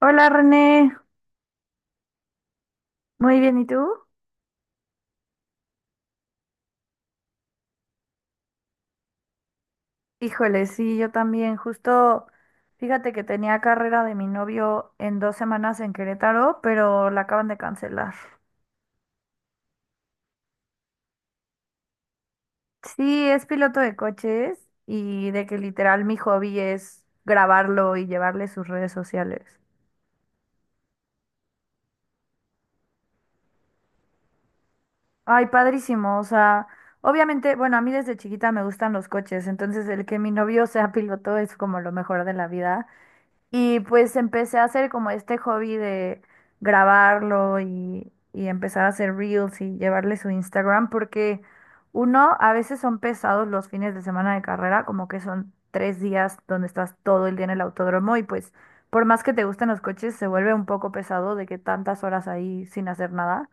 Hola René, muy bien, ¿y tú? Híjole, sí, yo también. Justo, fíjate que tenía carrera de mi novio en 2 semanas en Querétaro, pero la acaban de cancelar. Sí, es piloto de coches y de que literal mi hobby es grabarlo y llevarle sus redes sociales. Ay, padrísimo, o sea, obviamente, bueno, a mí desde chiquita me gustan los coches, entonces el que mi novio sea piloto es como lo mejor de la vida. Y pues empecé a hacer como este hobby de grabarlo y empezar a hacer reels y llevarle su Instagram, porque uno, a veces son pesados los fines de semana de carrera, como que son 3 días donde estás todo el día en el autódromo y pues por más que te gusten los coches, se vuelve un poco pesado de que tantas horas ahí sin hacer nada.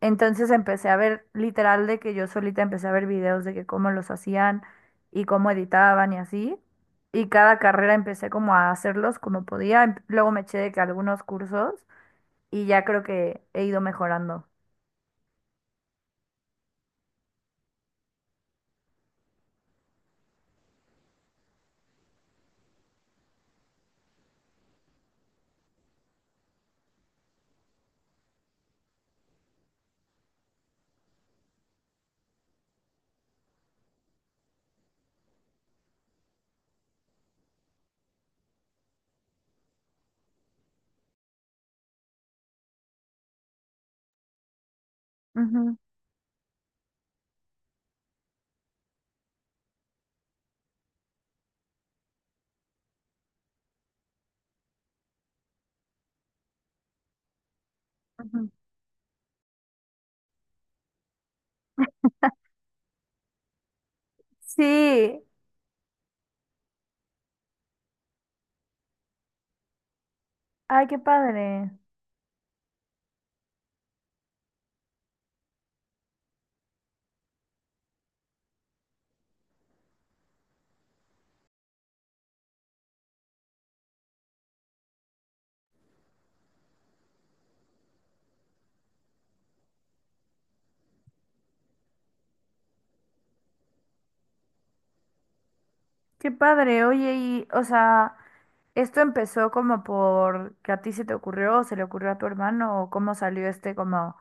Entonces empecé a ver, literal, de que yo solita empecé a ver videos de que cómo los hacían y cómo editaban y así. Y cada carrera empecé como a hacerlos como podía. Luego me eché de que algunos cursos y ya creo que he ido mejorando. Ujú, ujú. Sí, ay, qué padre, qué padre. Oye, y, o sea, esto empezó como por que a ti se te ocurrió, o se le ocurrió a tu hermano, o cómo salió este como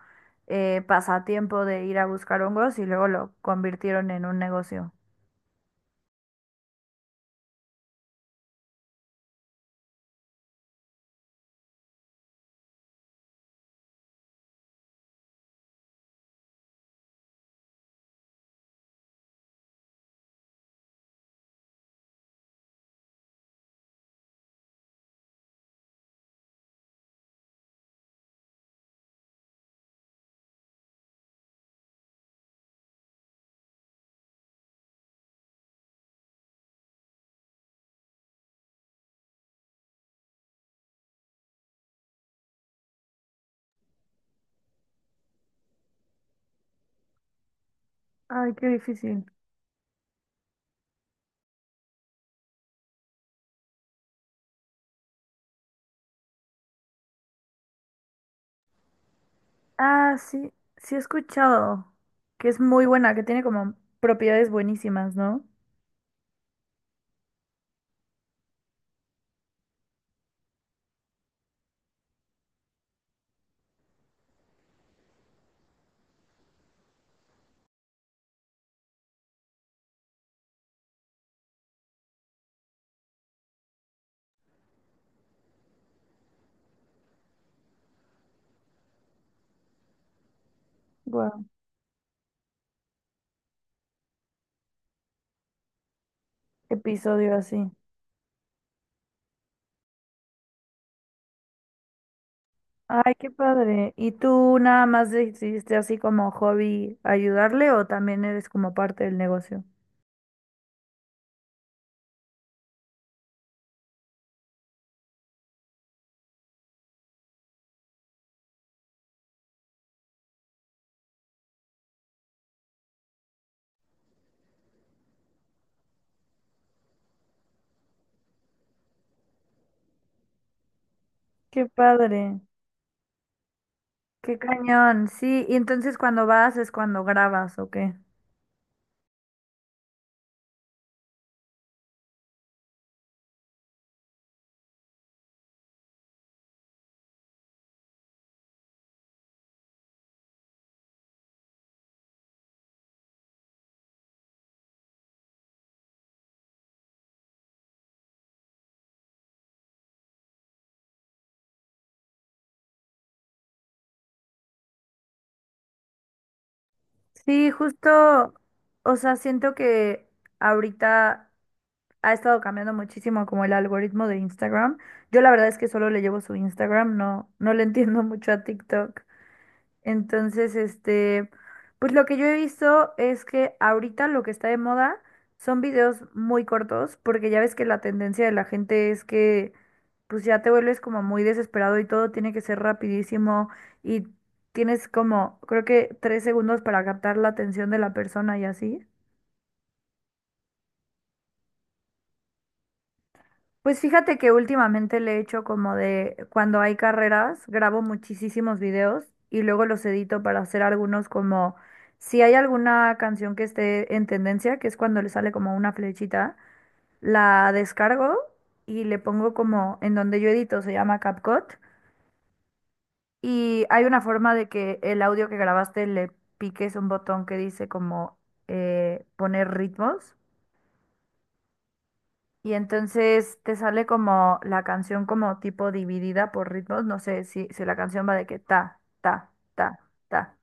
pasatiempo de ir a buscar hongos y luego lo convirtieron en un negocio. Ay, qué difícil. Ah, sí, sí he escuchado que es muy buena, que tiene como propiedades buenísimas, ¿no? Wow. Episodio así. Ay, qué padre. ¿Y tú nada más decidiste así como hobby ayudarle o también eres como parte del negocio? Qué padre. Qué cañón, sí, ¿y entonces cuando vas es cuando grabas, o qué? Sí, justo, o sea, siento que ahorita ha estado cambiando muchísimo como el algoritmo de Instagram. Yo la verdad es que solo le llevo su Instagram, no, no le entiendo mucho a TikTok. Entonces, este, pues lo que yo he visto es que ahorita lo que está de moda son videos muy cortos, porque ya ves que la tendencia de la gente es que pues ya te vuelves como muy desesperado y todo tiene que ser rapidísimo y tienes como, creo que 3 segundos para captar la atención de la persona y así. Pues fíjate que últimamente le he hecho como de cuando hay carreras, grabo muchísimos videos y luego los edito para hacer algunos como si hay alguna canción que esté en tendencia, que es cuando le sale como una flechita, la descargo y le pongo como en donde yo edito, se llama CapCut y hay una forma de que el audio que grabaste le piques un botón que dice como poner ritmos. Y entonces te sale como la canción como tipo dividida por ritmos. No sé si la canción va de que ta, ta, ta, ta.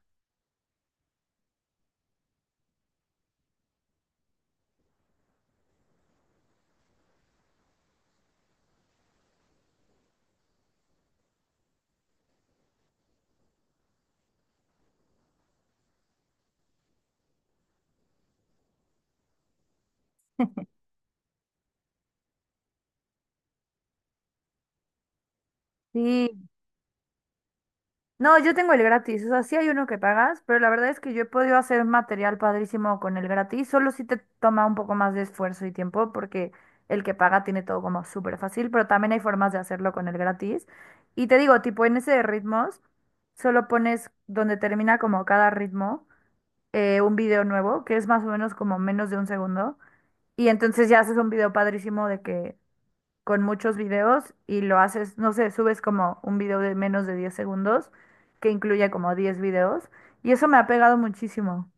Sí. No, yo tengo el gratis. O sea, sí hay uno que pagas, pero la verdad es que yo he podido hacer material padrísimo con el gratis. Solo si te toma un poco más de esfuerzo y tiempo porque el que paga tiene todo como súper fácil, pero también hay formas de hacerlo con el gratis. Y te digo, tipo en ese de ritmos, solo pones donde termina como cada ritmo. Un video nuevo, que es más o menos como menos de un segundo. Y entonces ya haces un video padrísimo de que con muchos videos y lo haces, no sé, subes como un video de menos de 10 segundos, que incluye como 10 videos. Y eso me ha pegado muchísimo.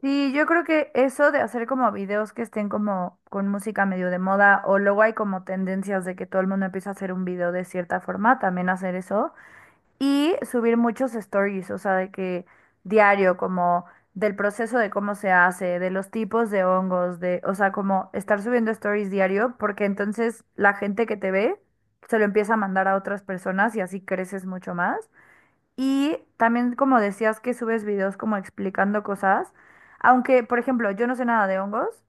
Sí, yo creo que eso de hacer como videos que estén como con música medio de moda, o luego hay como tendencias de que todo el mundo empieza a hacer un video de cierta forma, también hacer eso. Y subir muchos stories, o sea, de que diario, como del proceso de cómo se hace, de los tipos de hongos, de, o sea, como estar subiendo stories diario, porque entonces la gente que te ve se lo empieza a mandar a otras personas y así creces mucho más. Y también, como decías, que subes videos como explicando cosas, aunque, por ejemplo, yo no sé nada de hongos,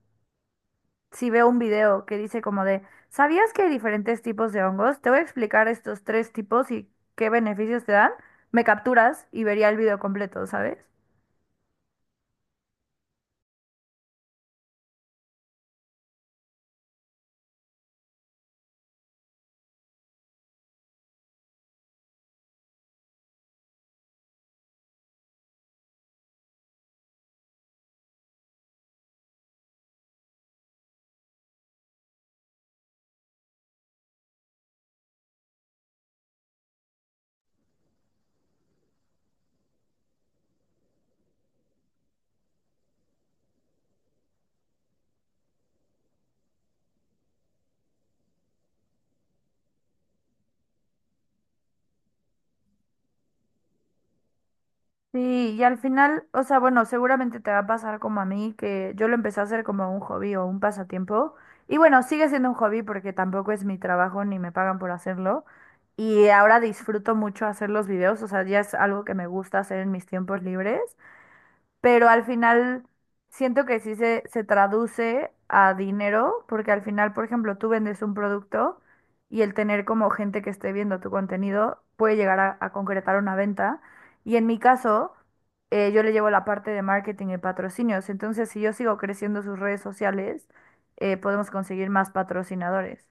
si veo un video que dice como de, ¿sabías que hay diferentes tipos de hongos? Te voy a explicar estos tres tipos y qué beneficios te dan. Me capturas y vería el video completo, ¿sabes? Sí, y al final, o sea, bueno, seguramente te va a pasar como a mí, que yo lo empecé a hacer como un hobby o un pasatiempo. Y bueno, sigue siendo un hobby porque tampoco es mi trabajo ni me pagan por hacerlo. Y ahora disfruto mucho hacer los videos, o sea, ya es algo que me gusta hacer en mis tiempos libres. Pero al final siento que sí se traduce a dinero, porque al final, por ejemplo, tú vendes un producto y el tener como gente que esté viendo tu contenido puede llegar a concretar una venta. Y en mi caso, yo le llevo la parte de marketing y patrocinios. Entonces, si yo sigo creciendo sus redes sociales, podemos conseguir más patrocinadores.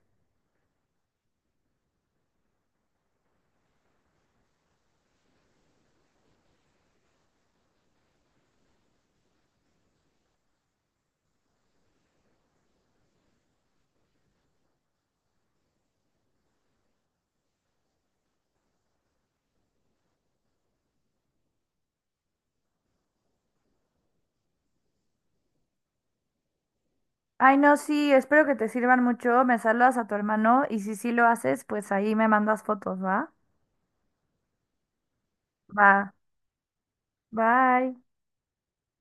Ay, no, sí, espero que te sirvan mucho. Me saludas a tu hermano y si sí lo haces, pues ahí me mandas fotos, ¿va? Va, bye.